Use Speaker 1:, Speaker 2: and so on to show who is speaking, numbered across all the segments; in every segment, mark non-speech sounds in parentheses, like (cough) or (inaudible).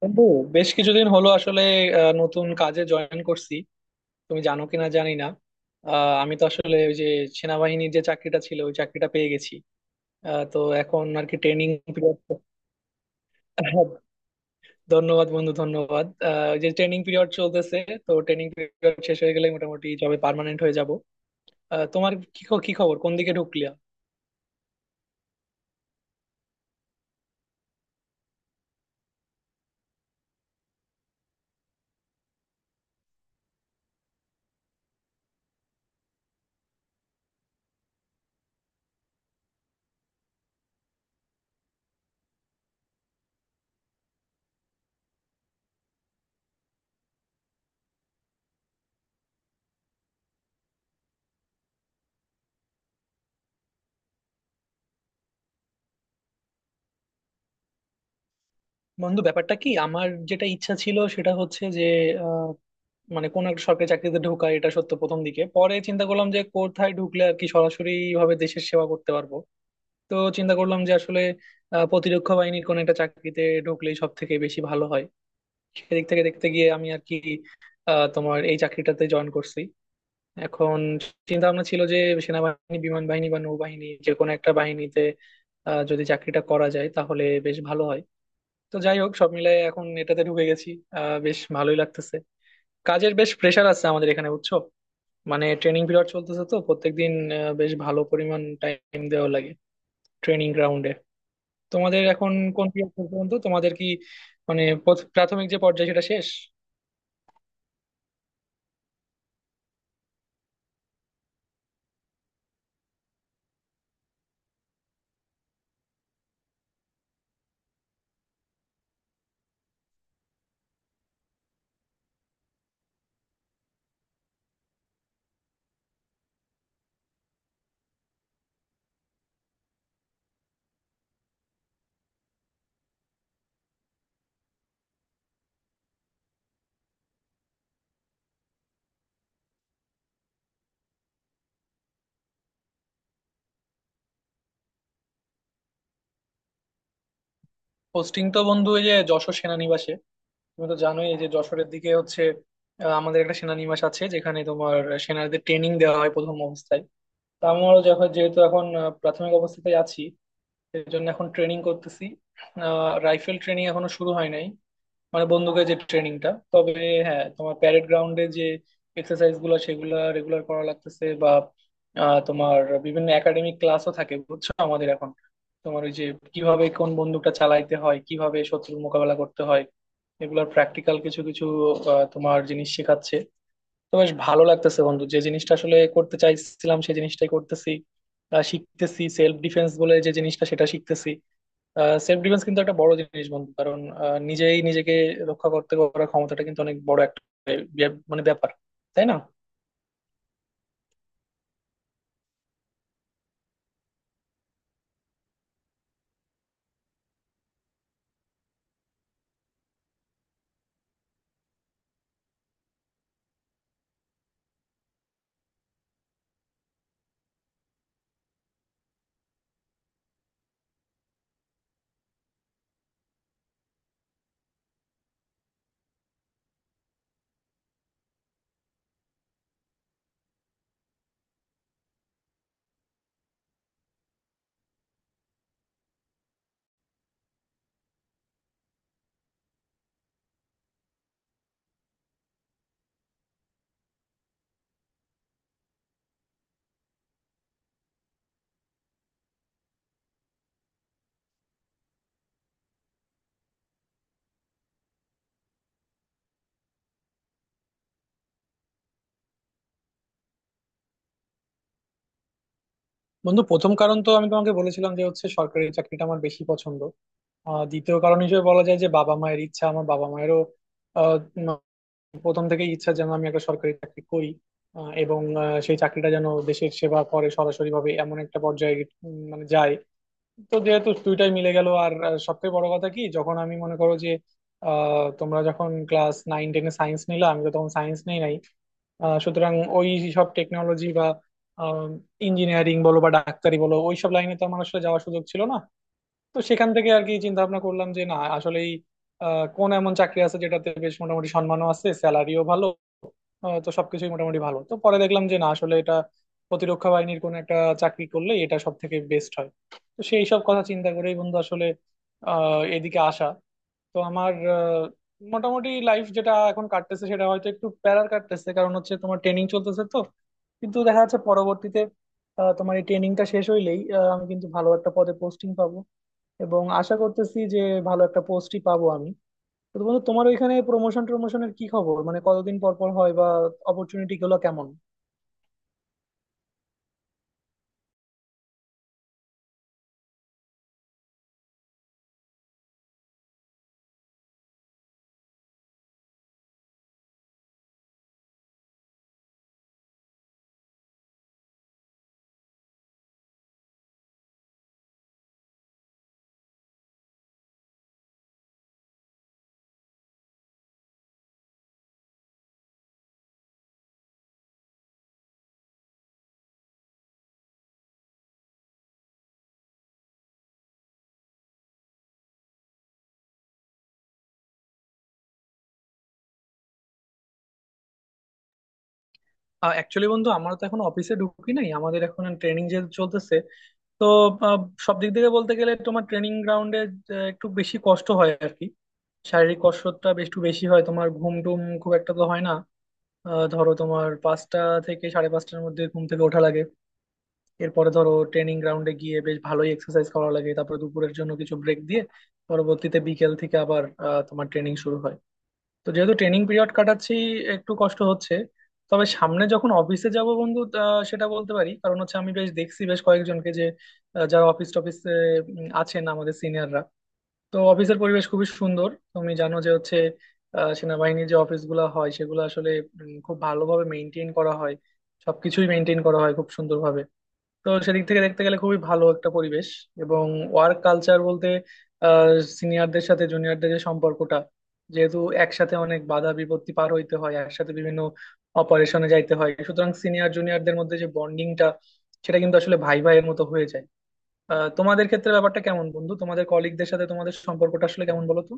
Speaker 1: বন্ধু, বেশ কিছুদিন হলো আসলে নতুন কাজে জয়েন করছি। তুমি জানো কিনা জানি না। আমি তো আসলে ওই যে সেনাবাহিনীর যে চাকরিটা ছিল ওই চাকরিটা পেয়ে গেছি। তো এখন আর কি ট্রেনিং পিরিয়ড। (laughs) ধন্যবাদ বন্ধু, ধন্যবাদ। ওই যে ট্রেনিং পিরিয়ড চলতেছে, তো ট্রেনিং পিরিয়ড শেষ হয়ে গেলে মোটামুটি জবে পার্মানেন্ট হয়ে যাব। তোমার কি কি খবর, কোন দিকে ঢুকলিয়া? বন্ধু, ব্যাপারটা কি, আমার যেটা ইচ্ছা ছিল সেটা হচ্ছে যে মানে কোন একটা সরকারি চাকরিতে ঢোকা, এটা সত্য প্রথম দিকে। পরে চিন্তা করলাম যে কোথায় ঢুকলে আর কি সরাসরি ভাবে দেশের সেবা করতে পারবো। তো চিন্তা করলাম যে আসলে প্রতিরক্ষা বাহিনীর কোন একটা চাকরিতে ঢুকলেই সব থেকে বেশি ভালো হয়। সেদিক থেকে দেখতে গিয়ে আমি আর কি তোমার এই চাকরিটাতে জয়েন করছি। এখন চিন্তা ভাবনা ছিল যে সেনাবাহিনী, বিমান বাহিনী বা নৌবাহিনী, যে কোনো একটা বাহিনীতে যদি চাকরিটা করা যায় তাহলে বেশ ভালো হয়। তো যাই হোক, সব মিলাই এখন এটাতে ঢুকে গেছি। বেশ ভালোই লাগতেছে। কাজের বেশ প্রেশার আছে আমাদের এখানে, বুঝছো। মানে ট্রেনিং পিরিয়ড চলতেছে তো প্রত্যেকদিন বেশ ভালো পরিমাণ টাইম দেওয়া লাগে ট্রেনিং গ্রাউন্ডে। তোমাদের এখন কোন পিরিয়ড পর্যন্ত, তোমাদের কি মানে প্রাথমিক যে পর্যায়ে সেটা শেষ? পোস্টিং তো বন্ধু এই যে যশোর সেনানিবাসে। তুমি তো জানোই, এই যে যশোরের দিকে হচ্ছে আমাদের একটা সেনানিবাস আছে যেখানে তোমার সেনাদের ট্রেনিং দেওয়া হয় প্রথম অবস্থায়। তো আমারও যখন যেহেতু এখন প্রাথমিক অবস্থাতেই আছি, এর জন্য এখন ট্রেনিং করতেছি। রাইফেল ট্রেনিং এখনো শুরু হয় নাই, মানে বন্দুকের যে ট্রেনিংটা। তবে হ্যাঁ, তোমার প্যারেড গ্রাউন্ডে যে এক্সারসাইজ গুলো সেগুলো রেগুলার করা লাগতেছে, বা তোমার বিভিন্ন একাডেমিক ক্লাসও থাকে, বুঝছো, আমাদের এখন। তোমার ওই যে কিভাবে কোন বন্দুকটা চালাইতে হয়, কিভাবে শত্রুর মোকাবেলা করতে হয়, এগুলোর প্র্যাকটিক্যাল কিছু কিছু তোমার জিনিস শেখাচ্ছে। তো বেশ ভালো লাগতেছে বন্ধু, যে জিনিসটা আসলে করতে চাইছিলাম সেই জিনিসটাই করতেছি। শিখতেছি সেলফ ডিফেন্স বলে যে জিনিসটা সেটা শিখতেছি। সেলফ ডিফেন্স কিন্তু একটা বড় জিনিস বন্ধু, কারণ নিজেই নিজেকে রক্ষা করতে করার ক্ষমতাটা কিন্তু অনেক বড় একটা মানে ব্যাপার, তাই না? বন্ধু, প্রথম কারণ তো আমি তোমাকে বলেছিলাম যে হচ্ছে সরকারি চাকরিটা আমার বেশি পছন্দ। দ্বিতীয় কারণ হিসেবে বলা যায় যে বাবা মায়ের ইচ্ছা। আমার বাবা মায়েরও আহ, উম, প্রথম থেকেই ইচ্ছা যেন আমি একটা সরকারি চাকরি করি, এবং সেই চাকরিটা যেন দেশের সেবা করে সরাসরি ভাবে এমন একটা পর্যায়ে মানে যায়। তো যেহেতু দুইটাই মিলে গেল। আর সবথেকে বড় কথা কি, যখন আমি মনে করো যে তোমরা যখন ক্লাস নাইন টেনে সায়েন্স নিলাম, আমি তো তখন সায়েন্স নেই নাই। সুতরাং ওই সব টেকনোলজি বা ইঞ্জিনিয়ারিং বলো বা ডাক্তারি বলো, ওই সব লাইনে তো আমার আসলে যাওয়ার সুযোগ ছিল না। তো সেখান থেকে আর কি চিন্তা ভাবনা করলাম যে না, আসলেই কোন এমন চাকরি আছে যেটাতে বেশ মোটামুটি সম্মানও আছে, স্যালারিও ভালো। তো সবকিছুই মোটামুটি ভালো। তো পরে দেখলাম যে না, আসলে এটা প্রতিরক্ষা বাহিনীর কোন একটা চাকরি করলে এটা সব থেকে বেস্ট হয়। তো সেই সব কথা চিন্তা করেই বন্ধু, আসলে এদিকে আসা। তো আমার মোটামুটি লাইফ যেটা এখন কাটতেছে সেটা হয়তো একটু প্যারার কাটতেছে, কারণ হচ্ছে তোমার ট্রেনিং চলতেছে তো। কিন্তু দেখা যাচ্ছে পরবর্তীতে তোমার এই ট্রেনিংটা শেষ হইলেই আমি কিন্তু ভালো একটা পদে পোস্টিং পাবো। এবং আশা করতেছি যে ভালো একটা পোস্টই পাবো আমি। তো বন্ধু, তোমার ওইখানে প্রমোশন টমোশনের কি খবর, মানে কতদিন পর পর হয়, বা অপরচুনিটি গুলো কেমন? অ্যাকচুয়ালি বন্ধু, আমরা তো এখন অফিসে ঢুকি নাই, আমাদের এখন ট্রেনিং যে চলতেছে। তো আহ, সব দিক থেকে বলতে গেলে তোমার ট্রেনিং গ্রাউন্ডে একটু বেশি কষ্ট হয় আর কি। শারীরিক কষ্টটা বেশ একটু বেশি হয়, তোমার ঘুম টুম খুব একটা তো হয় না। ধরো তোমার পাঁচটা থেকে সাড়ে পাঁচটার মধ্যে ঘুম থেকে ওঠা লাগে। এরপরে ধরো ট্রেনিং গ্রাউন্ডে গিয়ে বেশ ভালোই এক্সারসাইজ করা লাগে, তারপরে দুপুরের জন্য কিছু ব্রেক দিয়ে পরবর্তীতে বিকেল থেকে আবার তোমার ট্রেনিং শুরু হয়। তো যেহেতু ট্রেনিং পিরিয়ড কাটাচ্ছি, একটু কষ্ট হচ্ছে। তবে সামনে যখন অফিসে যাব বন্ধু, সেটা বলতে পারি, কারণ হচ্ছে আমি বেশ দেখছি বেশ কয়েকজনকে যে যারা অফিস টফিসে আছেন, আমাদের সিনিয়ররা। তো অফিসের পরিবেশ খুবই সুন্দর, তুমি জানো যে হচ্ছে সেনাবাহিনীর যে অফিসগুলো হয় সেগুলো আসলে খুব ভালোভাবে মেনটেন করা হয়। সবকিছুই মেনটেন করা হয় খুব সুন্দরভাবে। তো সেদিক থেকে দেখতে গেলে খুবই ভালো একটা পরিবেশ। এবং ওয়ার্ক কালচার বলতে আহ সিনিয়রদের সাথে জুনিয়রদের যে সম্পর্কটা, যেহেতু একসাথে অনেক বাধা বিপত্তি পার হইতে হয়, একসাথে বিভিন্ন অপারেশনে যাইতে হয়, সুতরাং সিনিয়র জুনিয়রদের মধ্যে যে বন্ডিংটা, সেটা কিন্তু আসলে ভাই ভাইয়ের মতো হয়ে যায়। তোমাদের ক্ষেত্রে ব্যাপারটা কেমন বন্ধু, তোমাদের কলিগদের সাথে তোমাদের সম্পর্কটা আসলে কেমন বলো তো?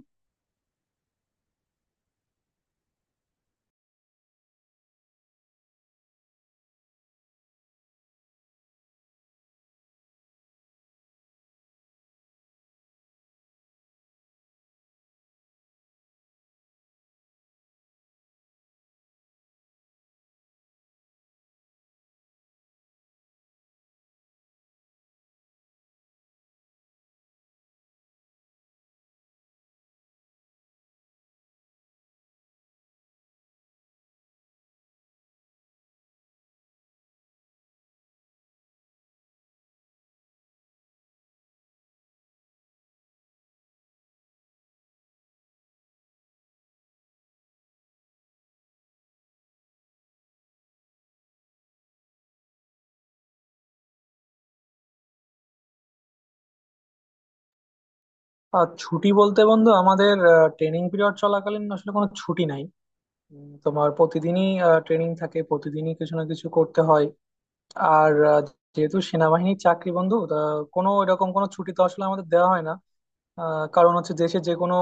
Speaker 1: আর ছুটি বলতে বন্ধু, আমাদের ট্রেনিং পিরিয়ড চলাকালীন আসলে কোনো ছুটি নাই। তোমার প্রতিদিনই ট্রেনিং থাকে, প্রতিদিনই কিছু না কিছু করতে হয়। আর যেহেতু সেনাবাহিনীর চাকরি বন্ধু, তা কোনো এরকম কোনো ছুটি তো আসলে আমাদের দেওয়া হয় না। কারণ হচ্ছে দেশে যে কোনো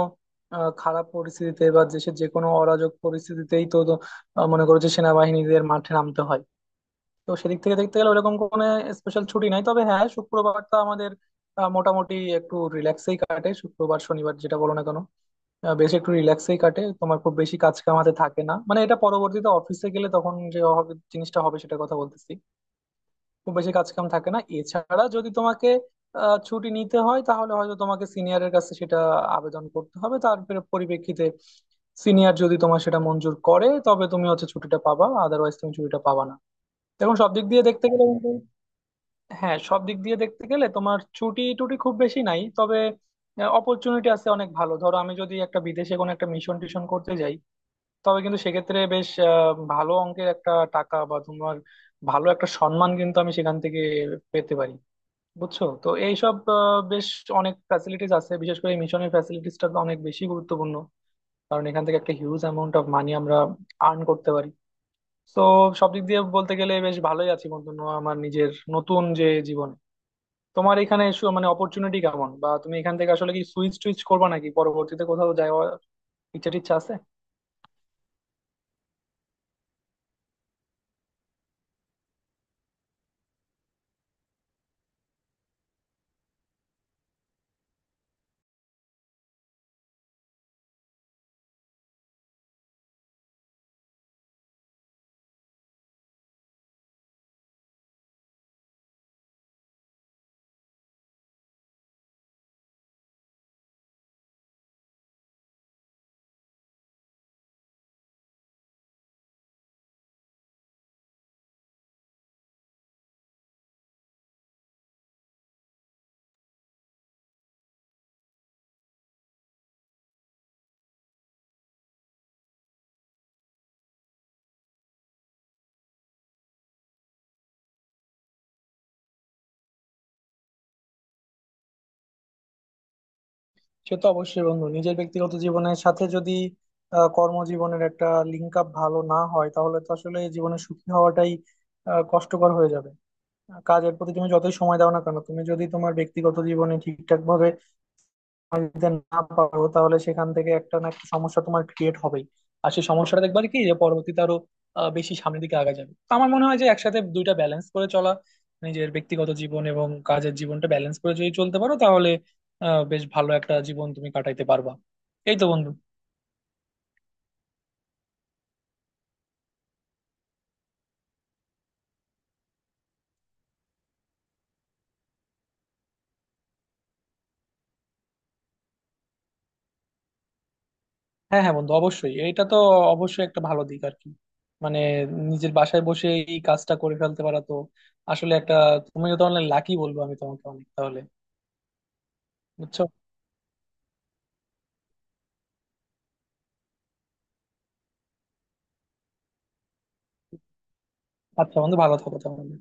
Speaker 1: খারাপ পরিস্থিতিতে বা দেশের যে কোনো অরাজক পরিস্থিতিতেই তো তো, মনে করো যে সেনাবাহিনীদের মাঠে নামতে হয়। তো সেদিক থেকে দেখতে গেলে ওরকম কোনো স্পেশাল ছুটি নাই। তবে হ্যাঁ, শুক্রবারটা আমাদের মোটামুটি একটু রিল্যাক্সেই কাটে, শুক্রবার শনিবার যেটা বলো না কেন বেশ একটু রিল্যাক্সেই কাটে। তোমার খুব বেশি কাজ কামাতে থাকে না, মানে এটা পরবর্তীতে অফিসে গেলে তখন যে জিনিসটা হবে সেটা কথা বলতেছি। খুব বেশি কাজ কাম থাকে না। এছাড়া যদি তোমাকে ছুটি নিতে হয় তাহলে হয়তো তোমাকে সিনিয়রের কাছে সেটা আবেদন করতে হবে। তার পরিপ্রেক্ষিতে সিনিয়র যদি তোমার সেটা মঞ্জুর করে তবে তুমি হচ্ছে ছুটিটা পাবা, আদারওয়াইজ তুমি ছুটিটা পাবা না। এখন সব দিক দিয়ে দেখতে গেলে কিন্তু, হ্যাঁ সব দিক দিয়ে দেখতে গেলে তোমার ছুটি টুটি খুব বেশি নাই। তবে অপরচুনিটি আছে অনেক ভালো। ধরো আমি যদি একটা বিদেশে কোনো একটা মিশন টিশন করতে যাই, তবে কিন্তু সেক্ষেত্রে বেশ ভালো অঙ্কের একটা টাকা বা তোমার ভালো একটা সম্মান কিন্তু আমি সেখান থেকে পেতে পারি। বুঝছো। তো এইসব বেশ অনেক ফ্যাসিলিটিস আছে, বিশেষ করে মিশনের ফ্যাসিলিটিসটা তো অনেক বেশি গুরুত্বপূর্ণ, কারণ এখান থেকে একটা হিউজ অ্যামাউন্ট অফ মানি আমরা আর্ন করতে পারি। তো সব দিক দিয়ে বলতে গেলে বেশ ভালোই আছি বন্ধু, আমার নিজের নতুন যে জীবন। তোমার এখানে মানে অপরচুনিটি কেমন, বা তুমি এখান থেকে আসলে কি সুইচ টুইচ করবা, নাকি পরবর্তীতে কোথাও যাওয়ার ইচ্ছা টিচ্ছা আছে? সে তো অবশ্যই বন্ধু। নিজের ব্যক্তিগত জীবনের সাথে যদি কর্মজীবনের একটা লিঙ্ক আপ ভালো না হয় তাহলে তো আসলে জীবনে সুখী হওয়াটাই কষ্টকর হয়ে যাবে। কাজের প্রতি তুমি যতই সময় দাও না কেন, তুমি যদি তোমার ব্যক্তিগত জীবনে ঠিকঠাক ভাবে যদি না পারো, তাহলে সেখান থেকে একটা না একটা সমস্যা তোমার ক্রিয়েট হবেই। আর সেই সমস্যাটা দেখবা কি, যে পরবর্তীতে আরো বেশি সামনের দিকে আগা যাবে। তো আমার মনে হয় যে একসাথে দুইটা ব্যালেন্স করে চলা, নিজের ব্যক্তিগত জীবন এবং কাজের জীবনটা ব্যালেন্স করে যদি চলতে পারো তাহলে বেশ ভালো একটা জীবন তুমি কাটাইতে পারবা। এই তো বন্ধু। হ্যাঁ হ্যাঁ বন্ধু, অবশ্যই এটা তো অবশ্যই একটা ভালো দিক আর কি। মানে নিজের বাসায় বসে এই কাজটা করে ফেলতে পারা তো আসলে একটা। তুমিও তো অনলাইন, লাকি বলবো আমি তোমাকে অনেক তাহলে। বুঝছো। আচ্ছা বন্ধু, ভালো থাকো তাহলে।